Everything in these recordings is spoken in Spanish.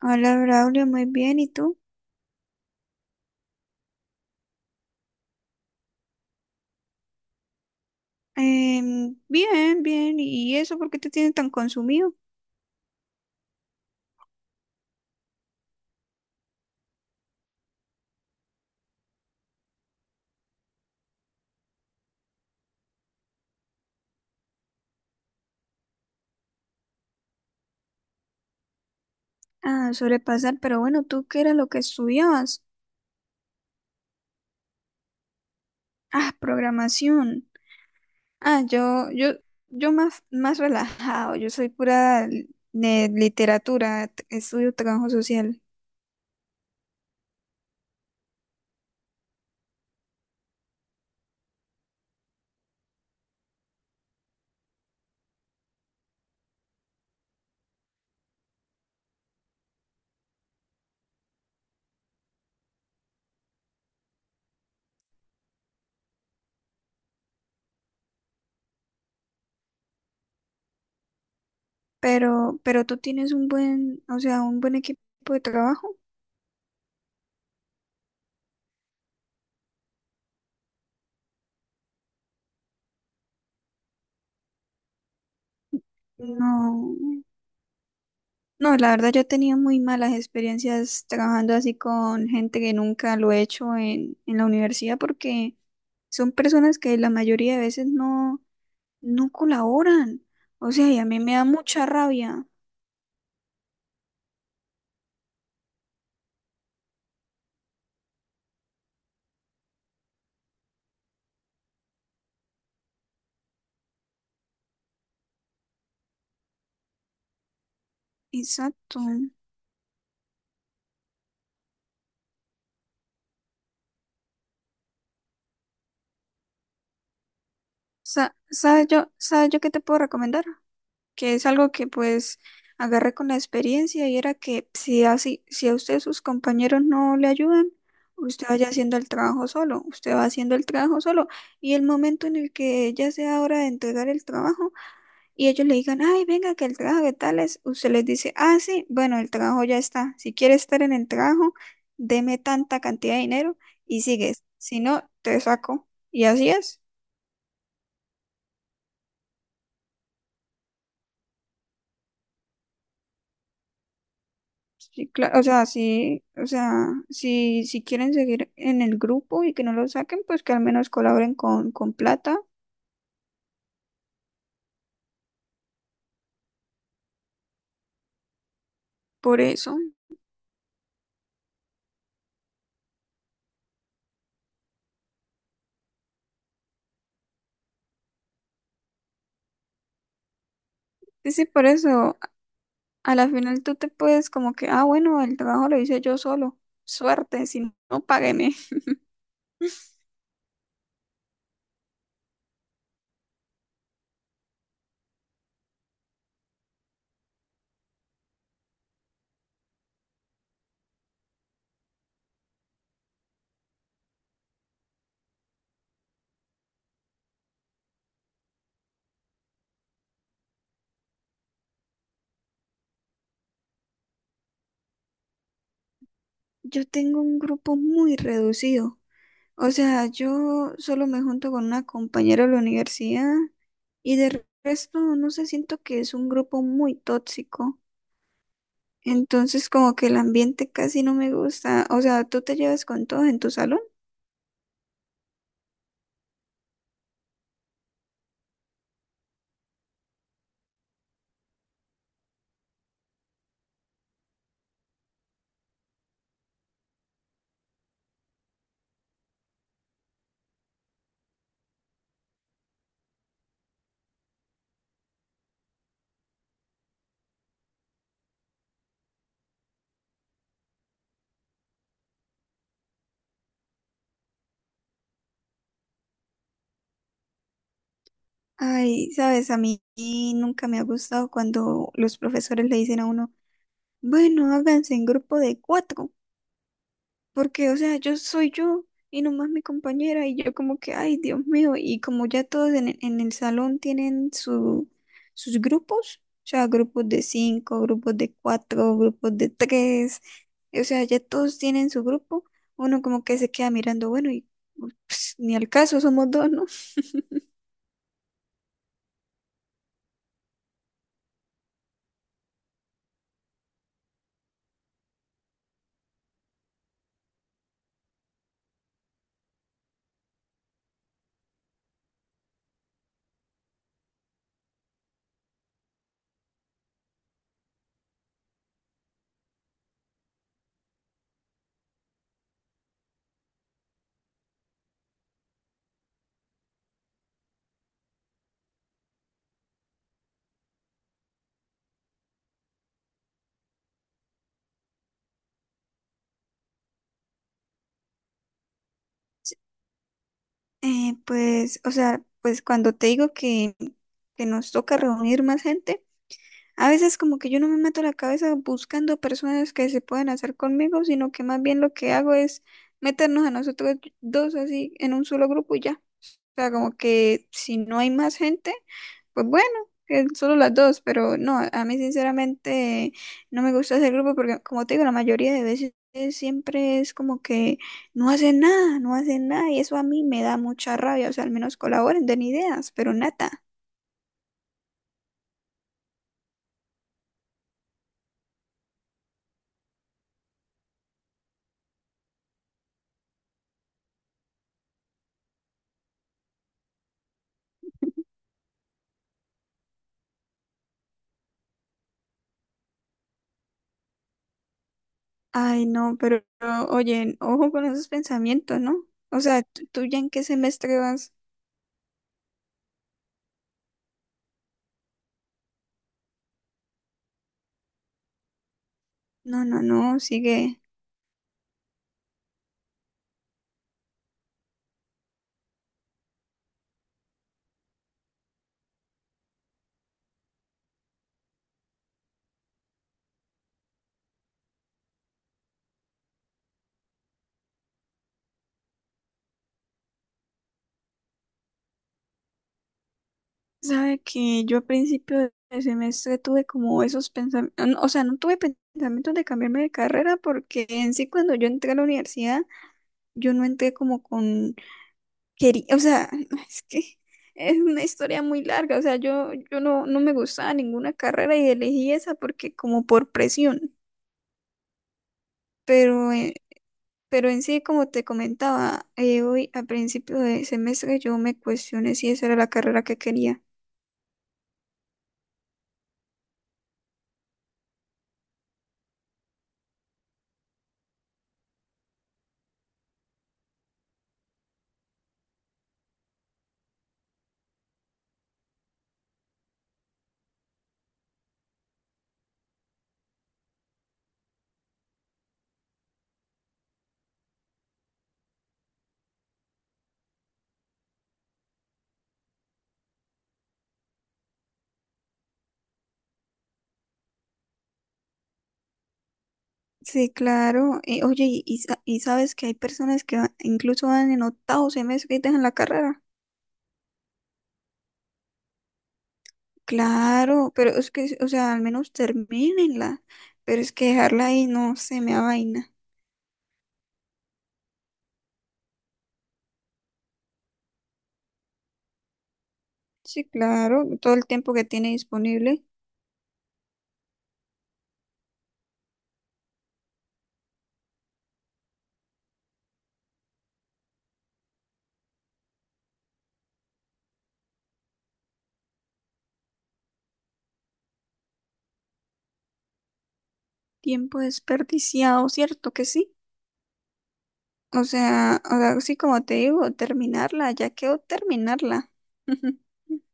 Hola Braulio, muy bien. ¿Y tú? Bien, bien. ¿Y eso por qué te tiene tan consumido? Ah, sobrepasar, pero bueno, ¿tú qué era lo que estudiabas? Ah, programación. Ah, yo más relajado. Yo soy pura de literatura, estudio trabajo social. Pero tú tienes un buen, o sea, un buen equipo de trabajo. No. No, la verdad yo he tenido muy malas experiencias trabajando así con gente que nunca lo he hecho en la universidad porque son personas que la mayoría de veces no colaboran. O sea, y a mí me da mucha rabia. Exacto. ¿ sabes yo qué te puedo recomendar? Que es algo que pues agarré con la experiencia y era que si así, si a usted sus compañeros no le ayudan, usted vaya haciendo el trabajo solo, usted va haciendo el trabajo solo y el momento en el que ya sea hora de entregar el trabajo y ellos le digan, ay, venga, que el trabajo de tales, usted les dice, ah, sí, bueno, el trabajo ya está, si quiere estar en el trabajo, deme tanta cantidad de dinero y sigues, si no, te saco. Y así es. Sí, claro, o sea, sí, o sea, si quieren seguir en el grupo y que no lo saquen, pues que al menos colaboren con plata, por eso. Sí, sí, por eso, a la final tú te puedes como que, ah, bueno, el trabajo lo hice yo solo, suerte, si no, págueme. Yo tengo un grupo muy reducido, o sea, yo solo me junto con una compañera de la universidad y de resto, no sé, siento que es un grupo muy tóxico. Entonces como que el ambiente casi no me gusta. O sea, ¿tú te llevas con todo en tu salón? Ay, sabes, a mí nunca me ha gustado cuando los profesores le dicen a uno, bueno, háganse en grupo de cuatro. Porque, o sea, yo soy yo y nomás mi compañera y yo como que, ay, Dios mío, y como ya todos en el salón tienen sus grupos, o sea, grupos de cinco, grupos de cuatro, grupos de tres, o sea, ya todos tienen su grupo, uno como que se queda mirando, bueno, y pues, ni al caso, somos dos, ¿no? Pues, o sea, pues cuando te digo que nos toca reunir más gente. A veces como que yo no me meto la cabeza buscando personas que se puedan hacer conmigo, sino que más bien lo que hago es meternos a nosotros dos así en un solo grupo y ya. O sea, como que si no hay más gente, pues bueno, que solo las dos, pero no, a mí sinceramente no me gusta ese grupo porque como te digo, la mayoría de veces siempre es como que no hacen nada, no hacen nada y eso a mí me da mucha rabia, o sea, al menos colaboren, den ideas, pero nada. Ay, no, pero, oye, ojo con esos pensamientos, ¿no? O sea, ¿tú ya en qué semestre vas? No, no, no, sigue. Sabe que yo a principio de semestre tuve como esos pensamientos, o sea, no tuve pensamientos de cambiarme de carrera porque en sí cuando yo entré a la universidad, yo no entré como con quería, o sea, es que es una historia muy larga, o sea, yo no, no me gustaba ninguna carrera y elegí esa porque como por presión, pero pero en sí, como te comentaba, hoy a principio de semestre yo me cuestioné si esa era la carrera que quería. Sí, claro. Oye, y y sabes que hay personas que incluso van en octavo semestre y dejan la carrera. Claro, pero es que, o sea, al menos termínenla. Pero es que dejarla ahí no se me da vaina. Sí, claro, todo el tiempo que tiene disponible, tiempo desperdiciado, ¿cierto que sí? O sea, sí, como te digo, terminarla, ya quedó terminarla.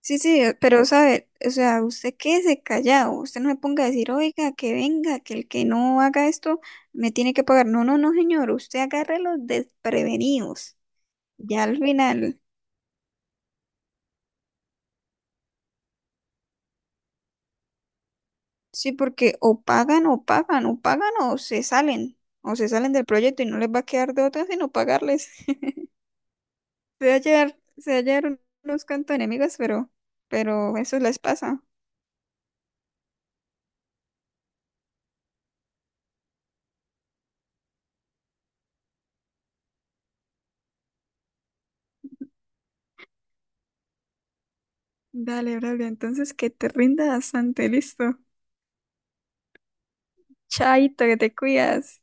Sí, sí, pero sabe, o sea, usted quédese callado, usted no se ponga a decir, oiga, que venga, que el que no haga esto me tiene que pagar. No, no, no, señor, usted agarre los desprevenidos, ya al final, sí, porque o pagan o pagan, o pagan o se salen del proyecto y no les va a quedar de otra sino pagarles. Se va a llevar unos cantos enemigos, pero eso les pasa. Dale, Braulio, entonces que te rinda bastante, listo. Chaito, que te cuidas.